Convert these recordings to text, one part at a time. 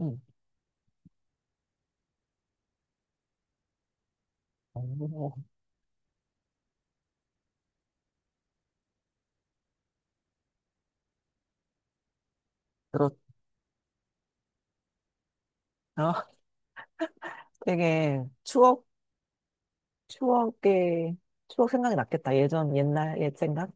응. 어, 그렇 아 되게 추억에, 추억 생각이 났겠다. 옛 생각?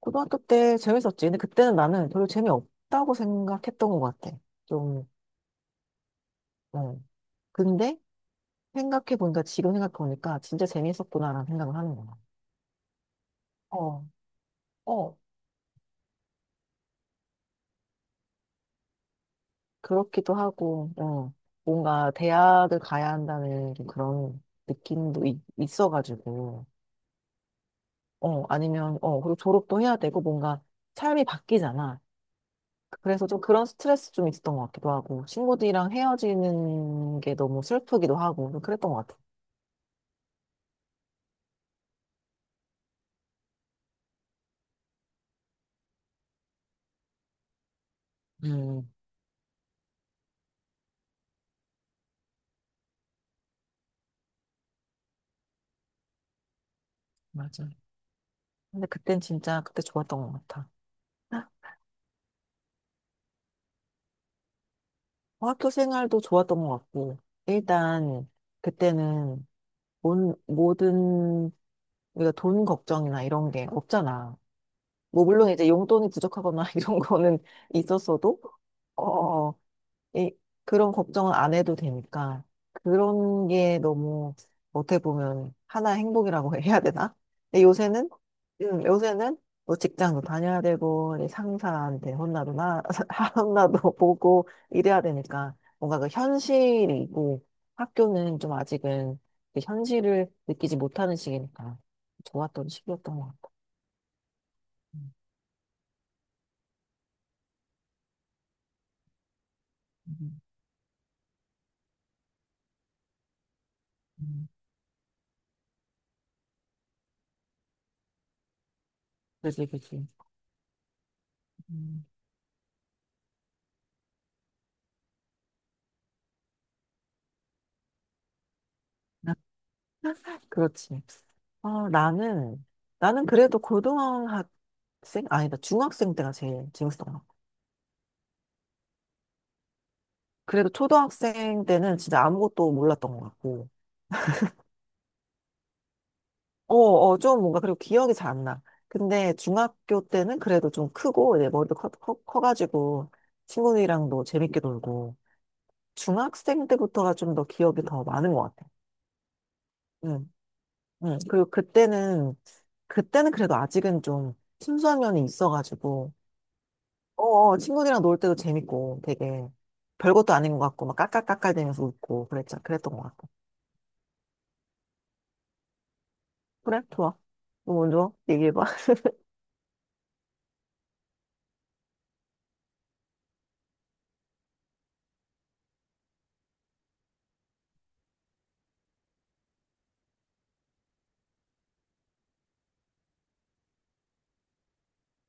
고등학교 때 재밌었지. 근데 그때는 나는 별로 재미없다고 생각했던 것 같아. 좀, 응. 근데 지금 생각해보니까 진짜 재밌었구나라는 생각을 하는 거야. 어, 어, 그렇기도 하고, 뭔가 대학을 가야 한다는 좀 그런 느낌도 있어가지고, 그리고 졸업도 해야 되고, 뭔가 삶이 바뀌잖아. 그래서 좀 그런 스트레스 좀 있었던 것 같기도 하고, 친구들이랑 헤어지는 게 너무 슬프기도 하고, 좀 그랬던 것 같아. 음, 맞아. 근데 그땐 진짜 그때 좋았던 것 같아. 어, 학교 생활도 좋았던 것 같고, 일단 그때는 모든 우리가 돈 걱정이나 이런 게 없잖아. 뭐 물론 이제 용돈이 부족하거나 이런 거는 있었어도, 어, 어, 어. 이 그런 걱정은 안 해도 되니까 그런 게 너무 어떻게 보면 하나의 행복이라고 해야 되나? 근데 요새는 요새는 뭐 직장도 다녀야 되고 이제 상사한테 혼나도 나 혼나도 보고 이래야 되니까 뭔가 그 현실이고 학교는 좀 아직은 그 현실을 느끼지 못하는 시기니까 좋았던 시기였던 것 같아. 음, 음, 음. 그지, 그지. 음. 그렇지. 아, 나는, 나는 그래도 중학생 때가 제일 재밌었던 것 같고. 그래도 초등학생 때는 진짜 아무것도 몰랐던 것 같고. 어, 어, 좀 뭔가, 그리고 기억이 잘 안 나. 근데 중학교 때는 그래도 좀 크고, 이제 머리도 커가지고, 친구들이랑도 재밌게 놀고. 중학생 때부터가 좀 더 기억이 더 많은 것 같아. 응, 응. 그때는 그래도 아직은 좀 순수한 면이 있어가지고, 어, 어, 친구들이랑 놀 때도 재밌고 되게 별것도 아닌 것 같고 막 깔깔깔깔대면서 웃고 그랬자 그랬던 것 같고 그래 좋아 너 먼저 얘기해봐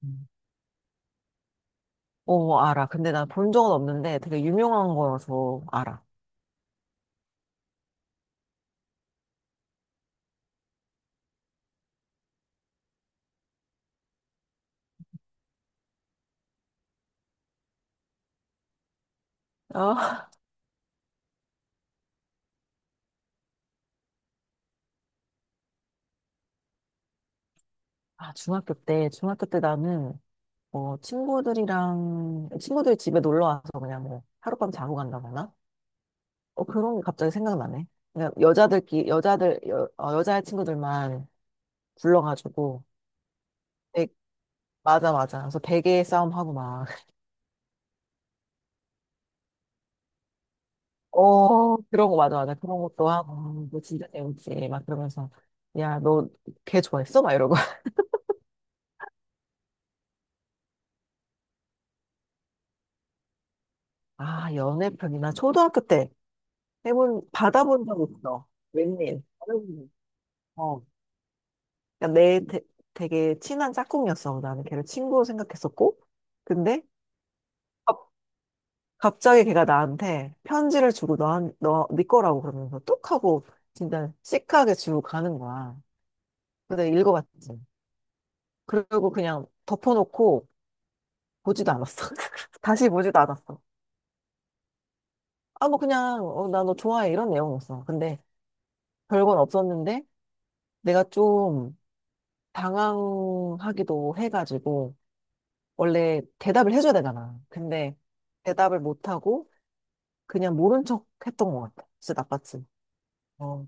음. 어 알아 근데 난 본 적은 없는데 되게 유명한 거여서 알아 아, 중학교 때 나는 어 친구들이랑 친구들 집에 놀러 와서 그냥 뭐 하룻밤 자고 간다거나 어 그런 게 갑자기 생각나네 그냥 여자들끼리 여자들 여, 어, 여자 친구들만 불러가지고 되- 맞아 맞아 그래서 베개 싸움하고 막 어, 그런 거, 맞아, 맞아. 그런 것도 하고, 너 진짜 재밌지. 막 그러면서, 야, 너 걔 좋아했어? 막 이러고. 아, 연애편이나 초등학교 때 받아본 적 있어. 웬일. 받아본 적. 어. 그러니까 되게 친한 짝꿍이었어. 나는 걔를 친구로 생각했었고. 근데, 갑- 갑자기 걔가 나한테 편지를 주고 네 거라고 그러면서 뚝 하고, 진짜 시크하게 주고 가는 거야. 근데 읽어봤지. 그리고 그냥 덮어놓고, 보지도 않았어. 다시 보지도 않았어. 아, 뭐 그냥 어, 나 너 좋아해 이런 내용이었어. 근데 별건 없었는데 내가 좀 당황하기도 해가지고 원래 대답을 해줘야 되잖아. 근데 대답을 못하고 그냥 모른 척 했던 것 같아. 진짜 나빴지. 어,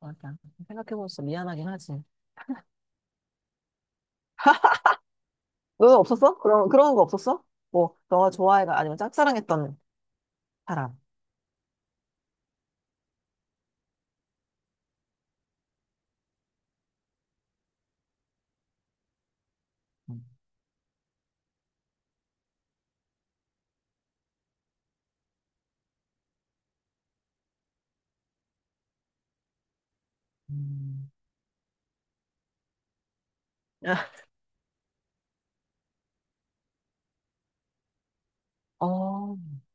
맞아. 생각해보면 진짜 미안하긴 하지. 너는 없었어? 그런 거 없었어? 뭐, 너가 좋아해가 아니면 짝사랑했던 사람. 음. 음. 어.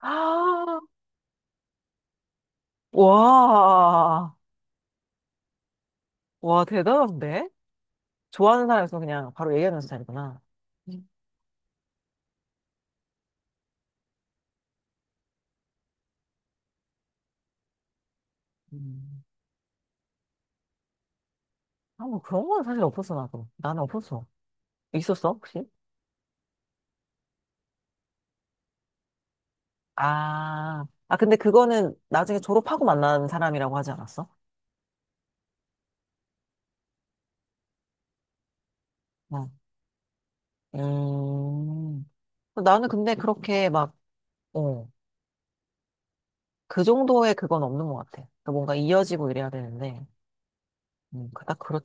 아, 와. 와, 대단한데? 좋아하는 사람에서 그냥 바로 얘기하면서 자리구나. 음. 아, 뭐 그런 건 사실 없었어, 나도. 나는 없었어. 있었어, 혹시? 아, 아, 근데 그거는 나중에 졸업하고 만난 사람이라고 하지 않았어? 어. 음. 나는 근데 그렇게 막, 어, 그 정도의 그건 없는 것 같아. 그러니까 뭔가 이어지고 이래야 되는데, 음, 그 딱 그렇,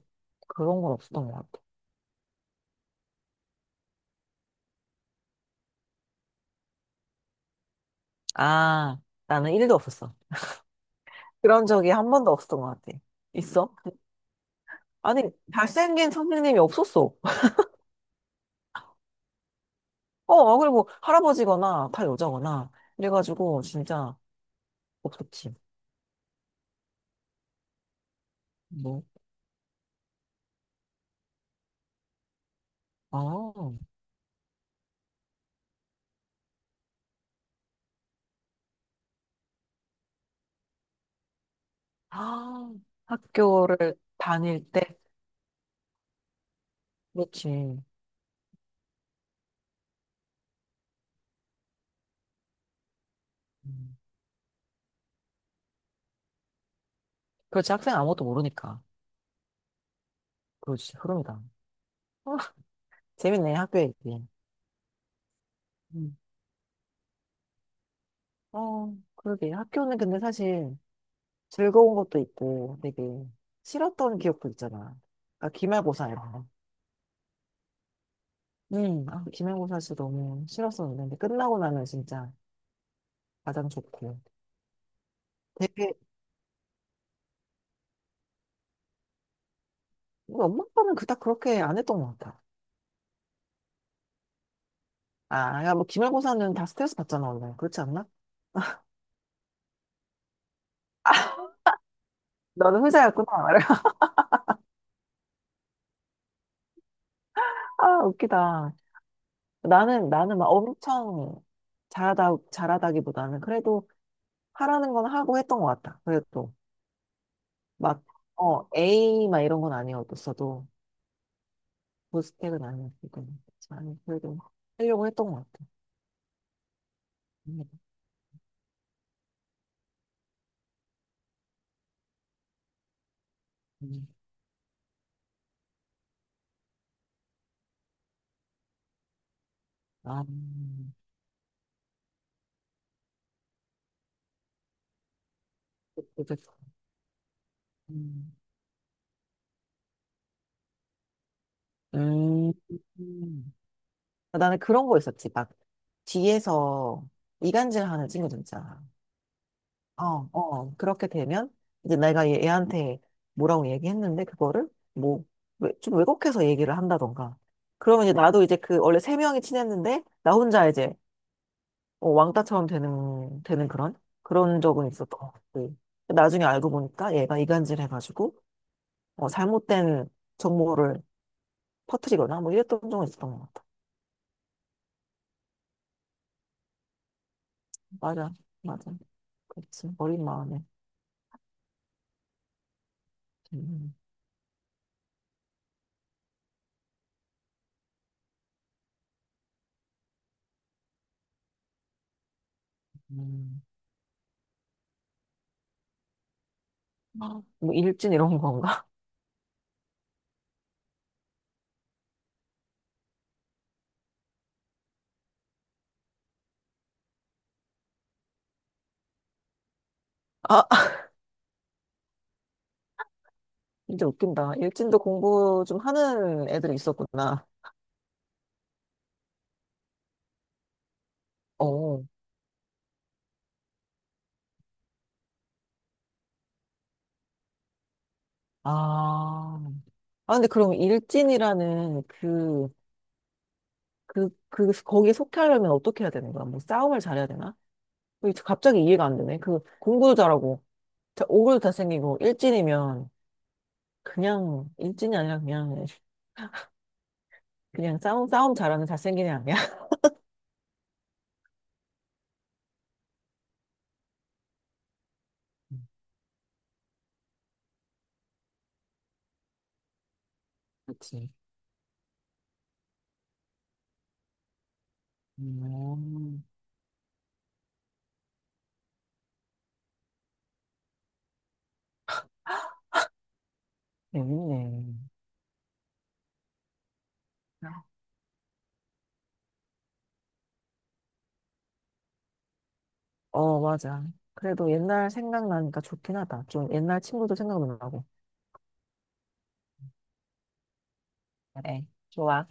그런 건 없었던 것 같아. 아, 나는 일도 없었어. 그런 적이 한 번도 없었던 것 같아. 있어? 아니, 잘생긴 선생님이 없었어. 어, 아, 그리고 할아버지거나 다 여자거나. 그래가지고 진짜 없었지. 뭐, 아, 아, 학교를 다닐 때. 그렇지. 음. 그렇지. 학생 아무것도 모르니까. 그렇지. 흐름이다. 어, 재밌네, 학교 얘기. 음. 어, 그러게. 학교는 근데 사실 즐거운 것도 있고 되게 싫었던 기억도 있잖아. 그러니까 기말고사 이런 거. 응, 아, 기말고사 진짜 너무 싫었었는데, 끝나고 나면 진짜 가장 좋고. 되게, 우리 엄마 아빠는 그닥 그렇게 안 했던 것 같아. 아, 야, 뭐, 기말고사는 다 스트레스 받잖아, 원래. 그렇지 않나? 너는 후자였구나. 아, 웃기다. 나는 막 엄청 잘하다기보다는 그래도 하라는 건 하고 했던 것 같다 그래도. 막, 어, A 막 이런 건 아니었어도, 고스펙은 아니었기 때문에. 아니, 그래도 하려고 했던 것 같아. 음, 음. 아, 그랬어. 음, 음, 음. 아, 나는 그런 거 있었지. 막 뒤에서 이간질 하는 친구들 있잖아. 어, 어. 그렇게 되면 이제 내가 얘한테 뭐라고 얘기했는데 그거를 뭐 좀 왜곡해서 얘기를 한다던가. 그러면 이제 나도 이제 그 원래 세 명이 친했는데 나 혼자 이제 어, 왕따처럼 되는 그런 그런 적은 있었던 것 같고. 나중에 알고 보니까 얘가 이간질 해가지고 어, 잘못된 정보를 퍼뜨리거나 뭐 이랬던 적은 있었던 것 같아. 맞아. 맞아. 그렇지. 어린 마음에. 음. 음. 아, 뭐 일진 이런 건가? 아, 진짜 웃긴다. 일진도 공부 좀 하는 애들이 있었구나. 어. 아. 아, 근데 그럼 일진이라는 그, 거기에 속해 하려면 어떻게 해야 되는 거야? 뭐 싸움을 잘해야 되나? 뭐 이제 갑자기 이해가 안 되네. 그, 공부도 잘하고, 오글도 잘생기고, 일진이면 그냥, 일진이 아니라 그냥, 싸움 잘하는 잘생긴 애 아니야? 그치. 음, 재밌네. 어, 맞아. 그래도 옛날 생각나니까 좋긴 하다. 좀 옛날 친구도 생각나고. 그래, 좋아.